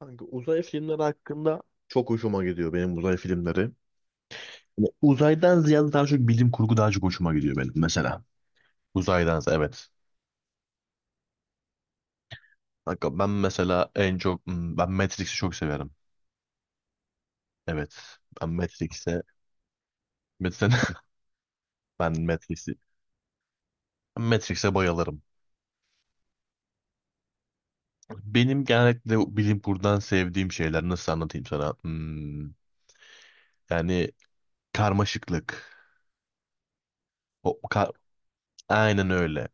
Kanka uzay filmleri hakkında çok hoşuma gidiyor benim uzay filmleri. Ama uzaydan ziyade daha çok bilim kurgu daha çok hoşuma gidiyor benim mesela. Uzaydan ziyade, evet. Kanka ben mesela en çok ben Matrix'i çok severim. Evet. Ben Matrix'e mesela ben Matrix'i ben Matrix'e bayılırım. Benim genellikle bilim kurgudan sevdiğim şeyler nasıl anlatayım sana? Yani karmaşıklık. O, ka- aynen öyle.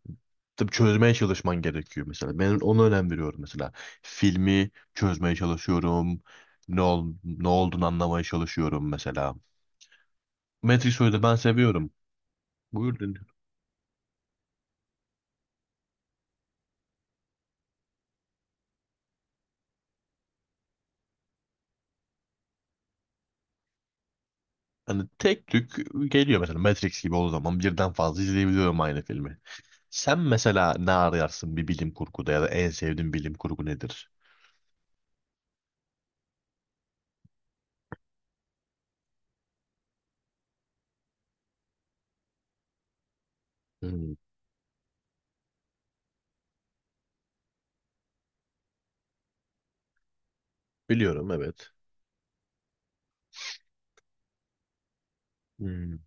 Tabii çözmeye çalışman gerekiyor mesela. Ben ona önem veriyorum mesela. Filmi çözmeye çalışıyorum. Ne olduğunu anlamaya çalışıyorum mesela. Matrix'i de ben seviyorum. Buyurun. Hani tek tük geliyor mesela Matrix gibi olduğu zaman birden fazla izleyebiliyorum aynı filmi. Sen mesela ne arayarsın bir bilim kurguda ya da en sevdiğin bilim kurgu nedir? Hmm. Biliyorum, evet. Hmm.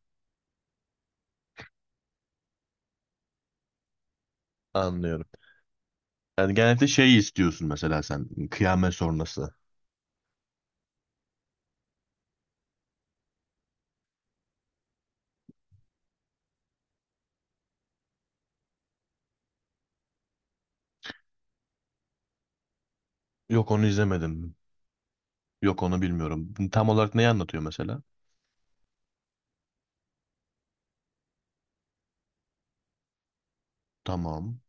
Anlıyorum. Yani genellikle şey istiyorsun mesela, sen, kıyamet sonrası. Yok, onu izlemedim. Yok, onu bilmiyorum. Tam olarak neyi anlatıyor mesela? Tamam.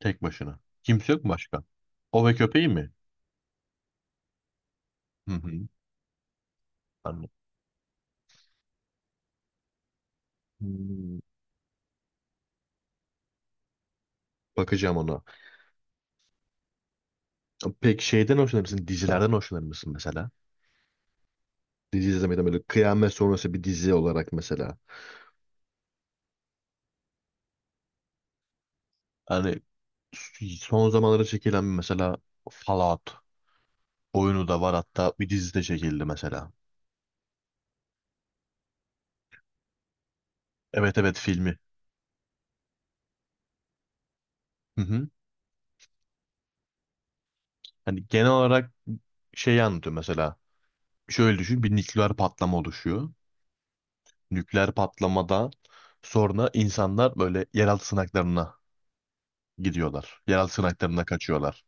Tek başına. Kimse yok mu başka? O ve köpeği mi? Hı hı. Anladım. Hmm. Bakacağım ona. Peki şeyden hoşlanır mısın? Dizilerden hoşlanır mısın mesela? Dizi izlemeden böyle kıyamet sonrası bir dizi olarak mesela. Hani son zamanlarda çekilen mesela Fallout oyunu da var, hatta bir dizi de çekildi mesela. Evet evet, filmi. Hı hı. Hani genel olarak şeyi anlatıyor mesela. Şöyle düşün, bir nükleer patlama oluşuyor. Nükleer patlamadan sonra insanlar böyle yeraltı sığınaklarına gidiyorlar. Yeraltı sığınaklarına kaçıyorlar.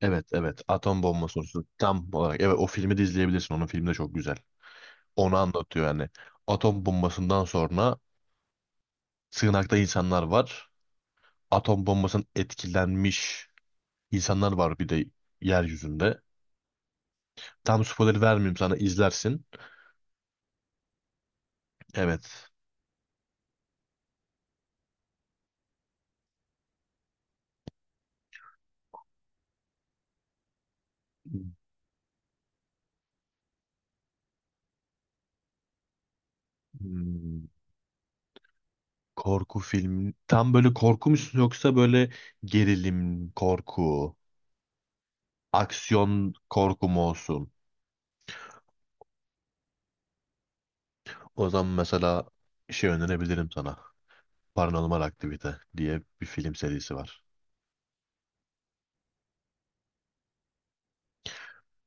Evet evet, atom bombası sorusu tam olarak, evet, o filmi de izleyebilirsin, onun filmi de çok güzel. Onu anlatıyor yani. Atom bombasından sonra sığınakta insanlar var. Atom bombasının etkilenmiş insanlar var bir de yeryüzünde. Tam spoiler vermeyeyim sana, izlersin. Evet. Hmm. Korku filmi. Tam böyle korku mu yoksa böyle gerilim korku, aksiyon korku mu olsun? O zaman mesela şey önerebilirim sana. Paranormal Aktivite diye bir film serisi var.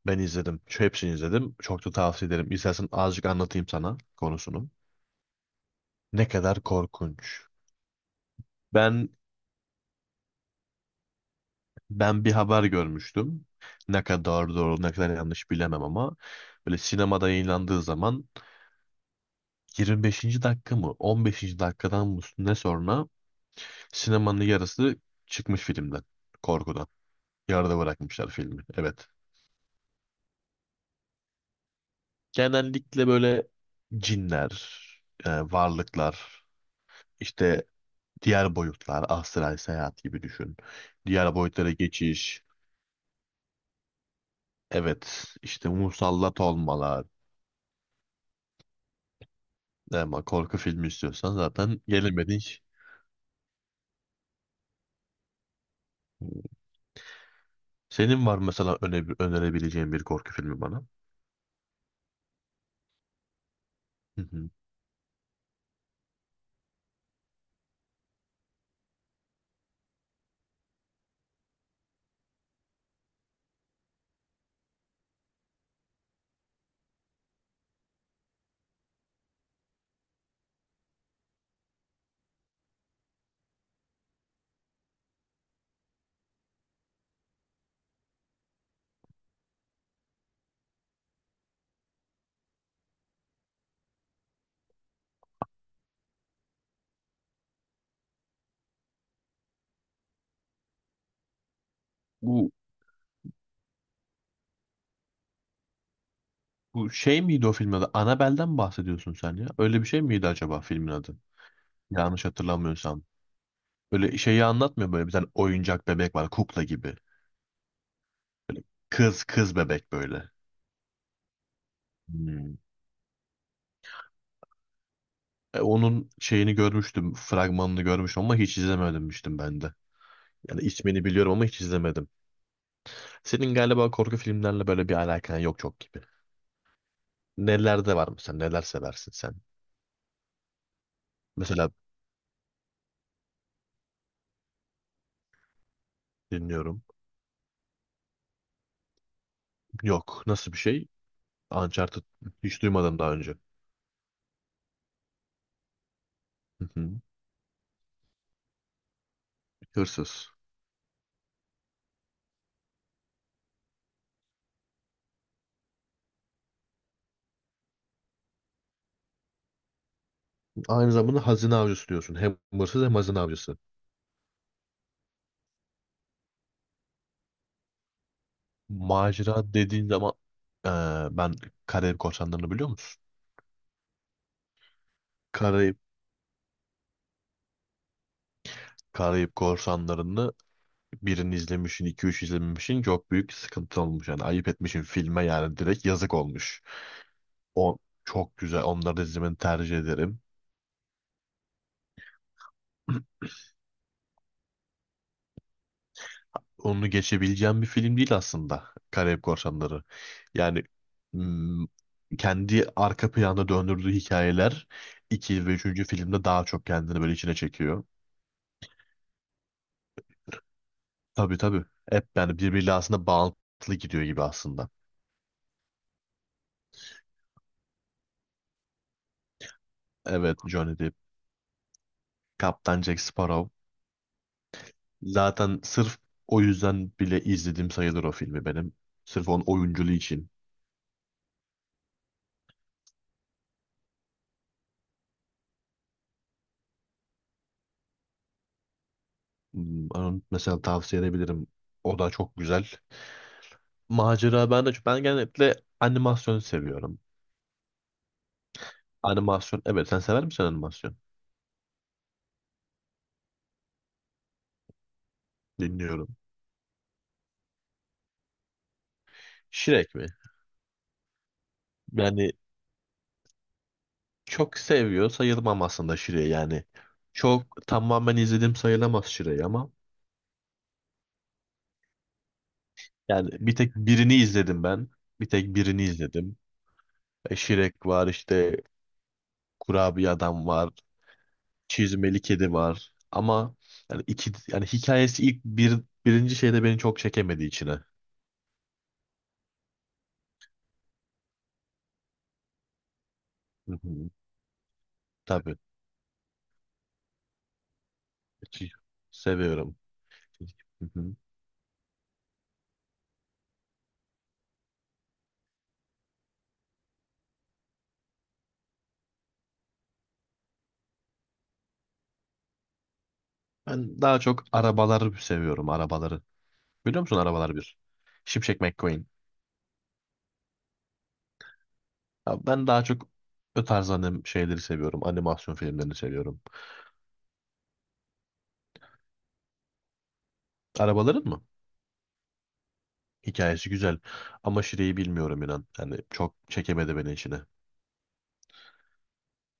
Ben izledim. Şu hepsini izledim. Çok da tavsiye ederim. İstersen azıcık anlatayım sana konusunu. Ne kadar korkunç. Ben ben bir haber görmüştüm. Ne kadar doğru, ne kadar yanlış bilemem ama böyle sinemada yayınlandığı zaman 25. dakika mı 15. dakikadan mı ne sonra sinemanın yarısı çıkmış filmden korkudan. Yarıda bırakmışlar filmi. Evet. Genellikle böyle cinler, varlıklar, işte diğer boyutlar, astral seyahat gibi düşün. Diğer boyutlara geçiş. Evet, işte musallat olmalar. Ama korku filmi istiyorsan zaten gelemedin. Senin var mesela önerebileceğin bir korku filmi bana. Hı hı. Bu Bu şey miydi o filmin adı? Annabelle'den bahsediyorsun sen ya. Öyle bir şey miydi acaba filmin adı? Yanlış hatırlamıyorsam. Öyle şeyi anlatmıyor, böyle bir tane oyuncak bebek var, kukla gibi. Kız bebek böyle. Hmm. E, onun şeyini görmüştüm, fragmanını görmüştüm ama hiç izlememiştim ben de. Yani ismini biliyorum ama hiç izlemedim. Senin galiba korku filmlerle böyle bir alakan yok çok gibi. Nelerde var mesela? Neler seversin sen? Mesela dinliyorum. Yok. Nasıl bir şey? Uncharted, hiç duymadım daha önce. Hı hı. Hırsız. Aynı zamanda hazine avcısı diyorsun. Hem hırsız hem hazine avcısı. Macera dediğin zaman ben Karayip Korsanları'nı biliyor musun? Karayip, Karayip Korsanları'nı birini izlemişsin, iki üç izlememişsin, çok büyük sıkıntı olmuş. Yani ayıp etmişsin filme yani, direkt yazık olmuş. O çok güzel. Onları da izlemeni tercih ederim. Onu geçebileceğim bir film değil aslında Karayip Korsanları. Yani mm, kendi arka planda döndürdüğü hikayeler 2 ve üçüncü filmde daha çok kendini böyle içine çekiyor. Tabii tabii. Hep yani birbiriyle aslında bağlantılı gidiyor gibi aslında. Evet, Johnny Depp, Kaptan Jack Sparrow. Zaten sırf o yüzden bile izlediğim sayılır o filmi benim. Sırf onun oyunculuğu için. Onu mesela tavsiye edebilirim. O da çok güzel. Macera, ben genellikle animasyon seviyorum. Animasyon, evet, sen sever misin animasyon? Dinliyorum. Shrek mi? Yani çok seviyor sayılmam aslında Shrek'i yani. Çok tamamen izledim sayılamaz Shrek'i ama yani bir tek birini izledim ben. Bir tek birini izledim. E, Shrek var, işte kurabiye adam var. Çizmeli kedi var. Ama yani iki yani hikayesi ilk bir birinci şeyde beni çok çekemedi içine. Hı hı. Tabii. Hiç. Seviyorum. Hı hı. Ben daha çok arabaları seviyorum, arabaları. Biliyor musun Arabalar bir? Şimşek McQueen. Ya ben daha çok o tarz şeyleri seviyorum. Animasyon filmlerini seviyorum. Arabaların mı? Hikayesi güzel. Ama Şire'yi bilmiyorum inan. Yani çok çekemedi beni içine.